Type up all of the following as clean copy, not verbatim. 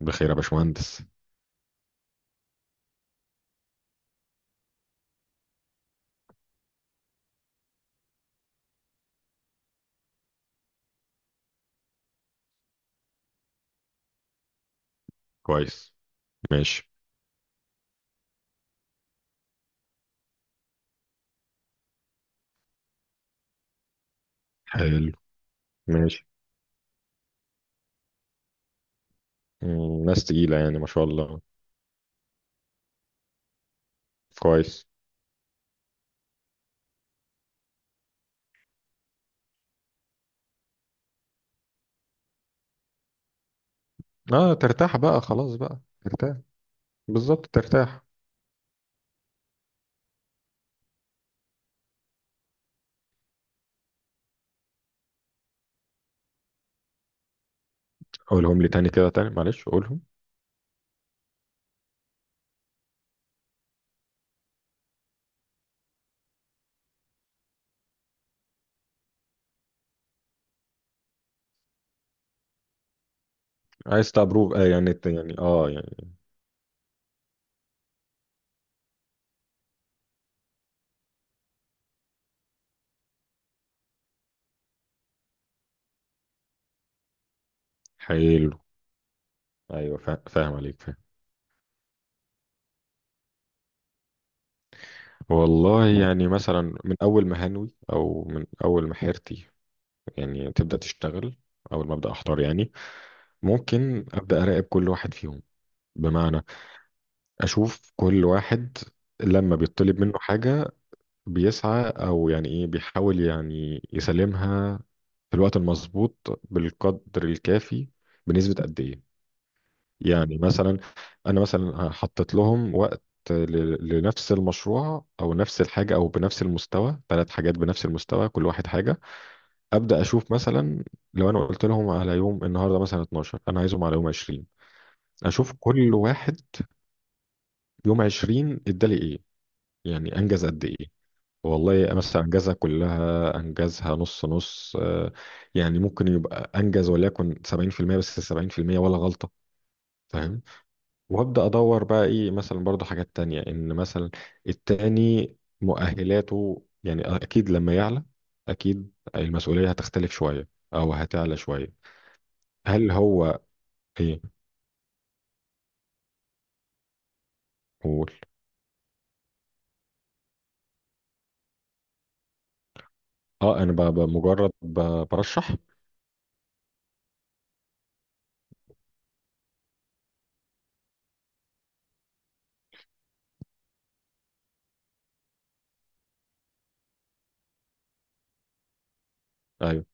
بخير يا باشمهندس. كويس. ماشي. حلو. ماشي. مم، ناس تقيلة يعني ما شاء الله. كويس. اه، ترتاح بقى خلاص بقى ترتاح. بالظبط ترتاح. قولهم لي تاني كده تاني، معلش قولهم. عايز تبروف يعني حلو. ايوه فاهم عليك، فاهم. والله يعني مثلا من اول ما هنوي او من اول ما حيرتي يعني تبدا تشتغل، اول ما ابدا احضر يعني ممكن ابدا اراقب كل واحد فيهم. بمعنى اشوف كل واحد لما بيطلب منه حاجة بيسعى او يعني ايه، بيحاول يعني يسلمها في الوقت المظبوط بالقدر الكافي، بنسبة قد ايه. يعني مثلا انا مثلا حطيت لهم وقت لنفس المشروع او نفس الحاجة او بنفس المستوى، ثلاث حاجات بنفس المستوى، كل واحد حاجة. ابدا اشوف مثلا لو انا قلت لهم على يوم النهارده مثلا 12، انا عايزهم على يوم 20. اشوف كل واحد يوم 20 ادالي ايه، يعني انجز قد ايه. والله مثلا أنجزها كلها، أنجزها نص نص، يعني ممكن يبقى أنجز وليكن 70%، بس 70% ولا غلطة. فاهم. وأبدأ أدور بقى إيه مثلا برضو، حاجات تانية إن مثلا التاني مؤهلاته يعني أكيد لما يعلى أكيد المسؤولية هتختلف شوية أو هتعلى شوية. هل هو إيه؟ قول. أه أنا مجرد برشح. أيوه.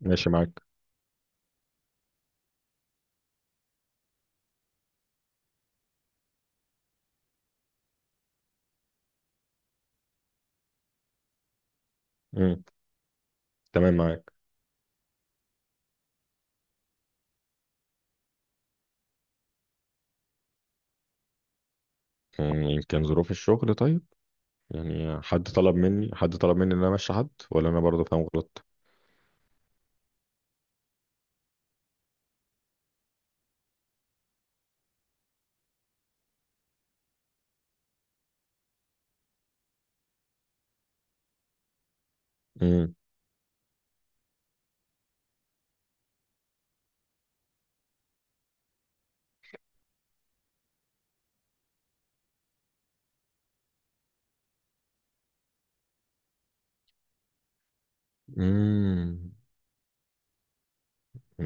ماشي معاك. مم. تمام معاك. مم، يمكن ظروف الشغل. طيب يعني حد طلب مني ان انا امشي حد، ولا انا برضه فاهم غلط؟ امم. امم.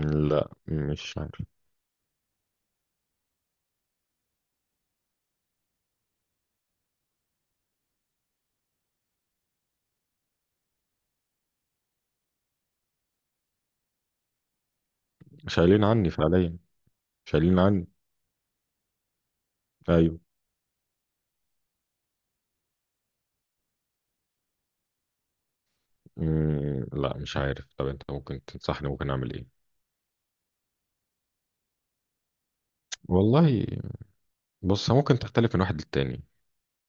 لا مش عارف. شايلين عني فعليا. شايلين عني. ايوه. امم، لا مش عارف. طب انت ممكن تنصحني ممكن اعمل ايه؟ والله بص، ممكن تختلف من واحد للتاني.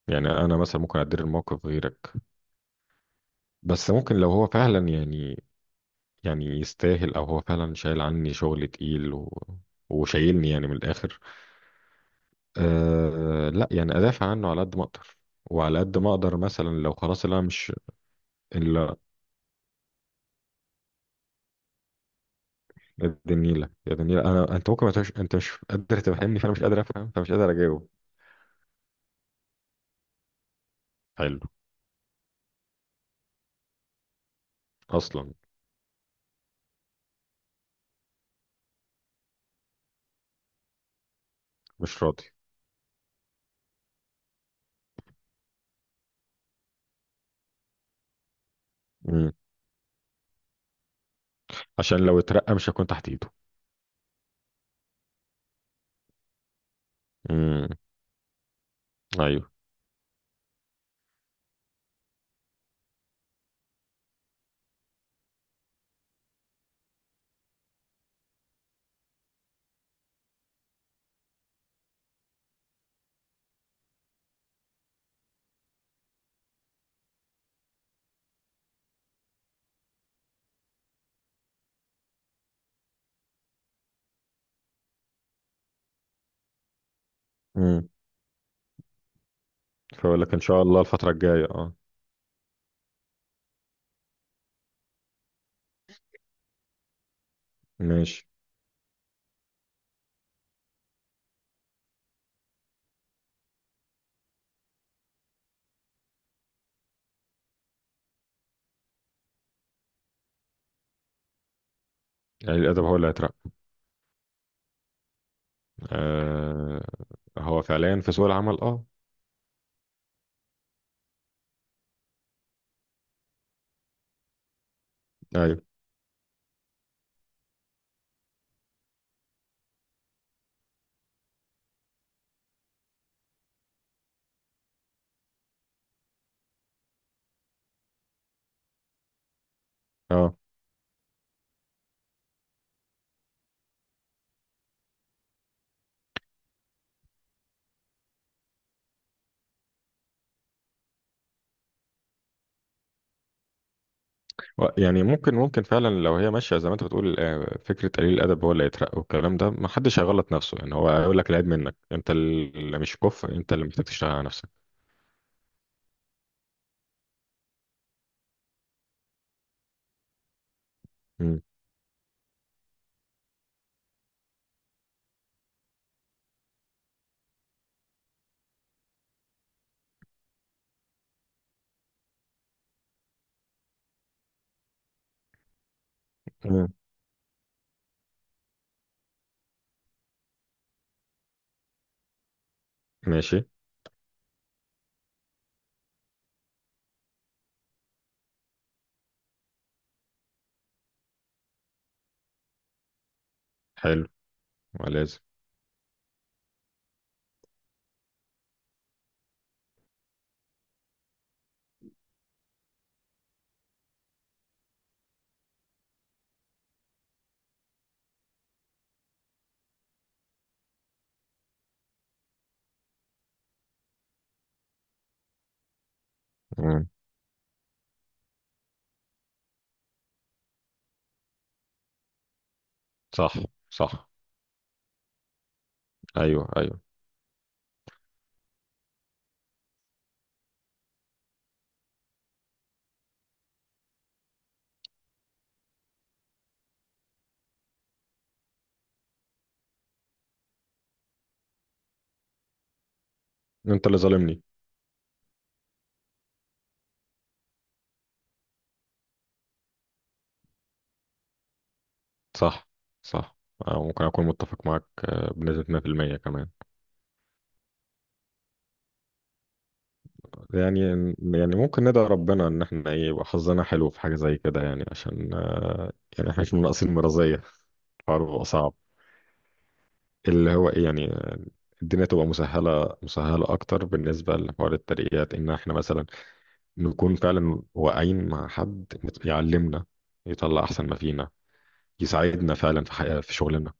يعني انا مثلا ممكن ادير الموقف غيرك، بس ممكن لو هو فعلا يعني يعني يستاهل، او هو فعلا شايل عني شغل تقيل و... وشايلني يعني من الاخر، أه لا يعني ادافع عنه على قد ما اقدر. وعلى قد ما اقدر مثلا لو خلاص اللي انا مش الا. يا دنيله يا دنيله، انا انت ممكن ما تبقاش، انت مش قادر تفهمني فانا مش قادر افهم فمش قادر اجاوب. حلو. اصلا. مش راضي. مم. عشان لو اترقى مش هكون تحت ايده. مم. ايوه. مم. فاقول لك ان شاء الله الفتره الجايه اه. ماشي. قليل الادب هو اللي هيترقى. أه، هو فعليا في سوق العمل اه. ايوه. اه. يعني ممكن فعلا لو هي ماشيه زي ما انت بتقول فكره قليل الادب هو اللي هيترقى، والكلام ده ما حدش هيغلط نفسه. يعني هو هيقول لك العيب منك، انت اللي مش كفء، انت اللي محتاج تشتغل على نفسك. مم. مم. ماشي. حلو. ولازم. مم. صح. صح. ايوه ايوه. انت اللي ظالمني. صح. صح. أو ممكن اكون متفق معاك بنسبه 100% كمان. يعني يعني ممكن ندعي ربنا ان احنا ايه يبقى حظنا حلو في حاجه زي كده، يعني عشان يعني احنا مش ناقصين مرضيه، الحوار بيبقى صعب. اللي هو ايه يعني الدنيا تبقى مسهلة، مسهلة أكتر بالنسبة لحوار الترقيات، إن إحنا مثلا نكون فعلا واقعين مع حد يعلمنا، يطلع أحسن ما فينا، يساعدنا فعلا في حياة في شغلنا.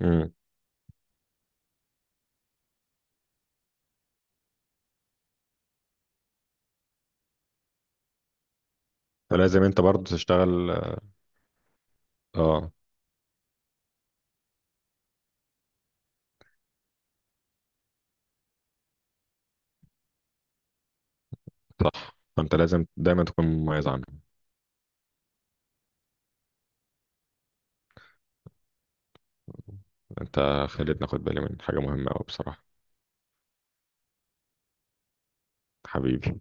مم. فلازم أنت برضه تشتغل. آه. صح، فأنت لازم دايما تكون مميز عنهم. أنت خليتني أخد بالي من حاجة مهمة أوي بصراحة. حبيبي.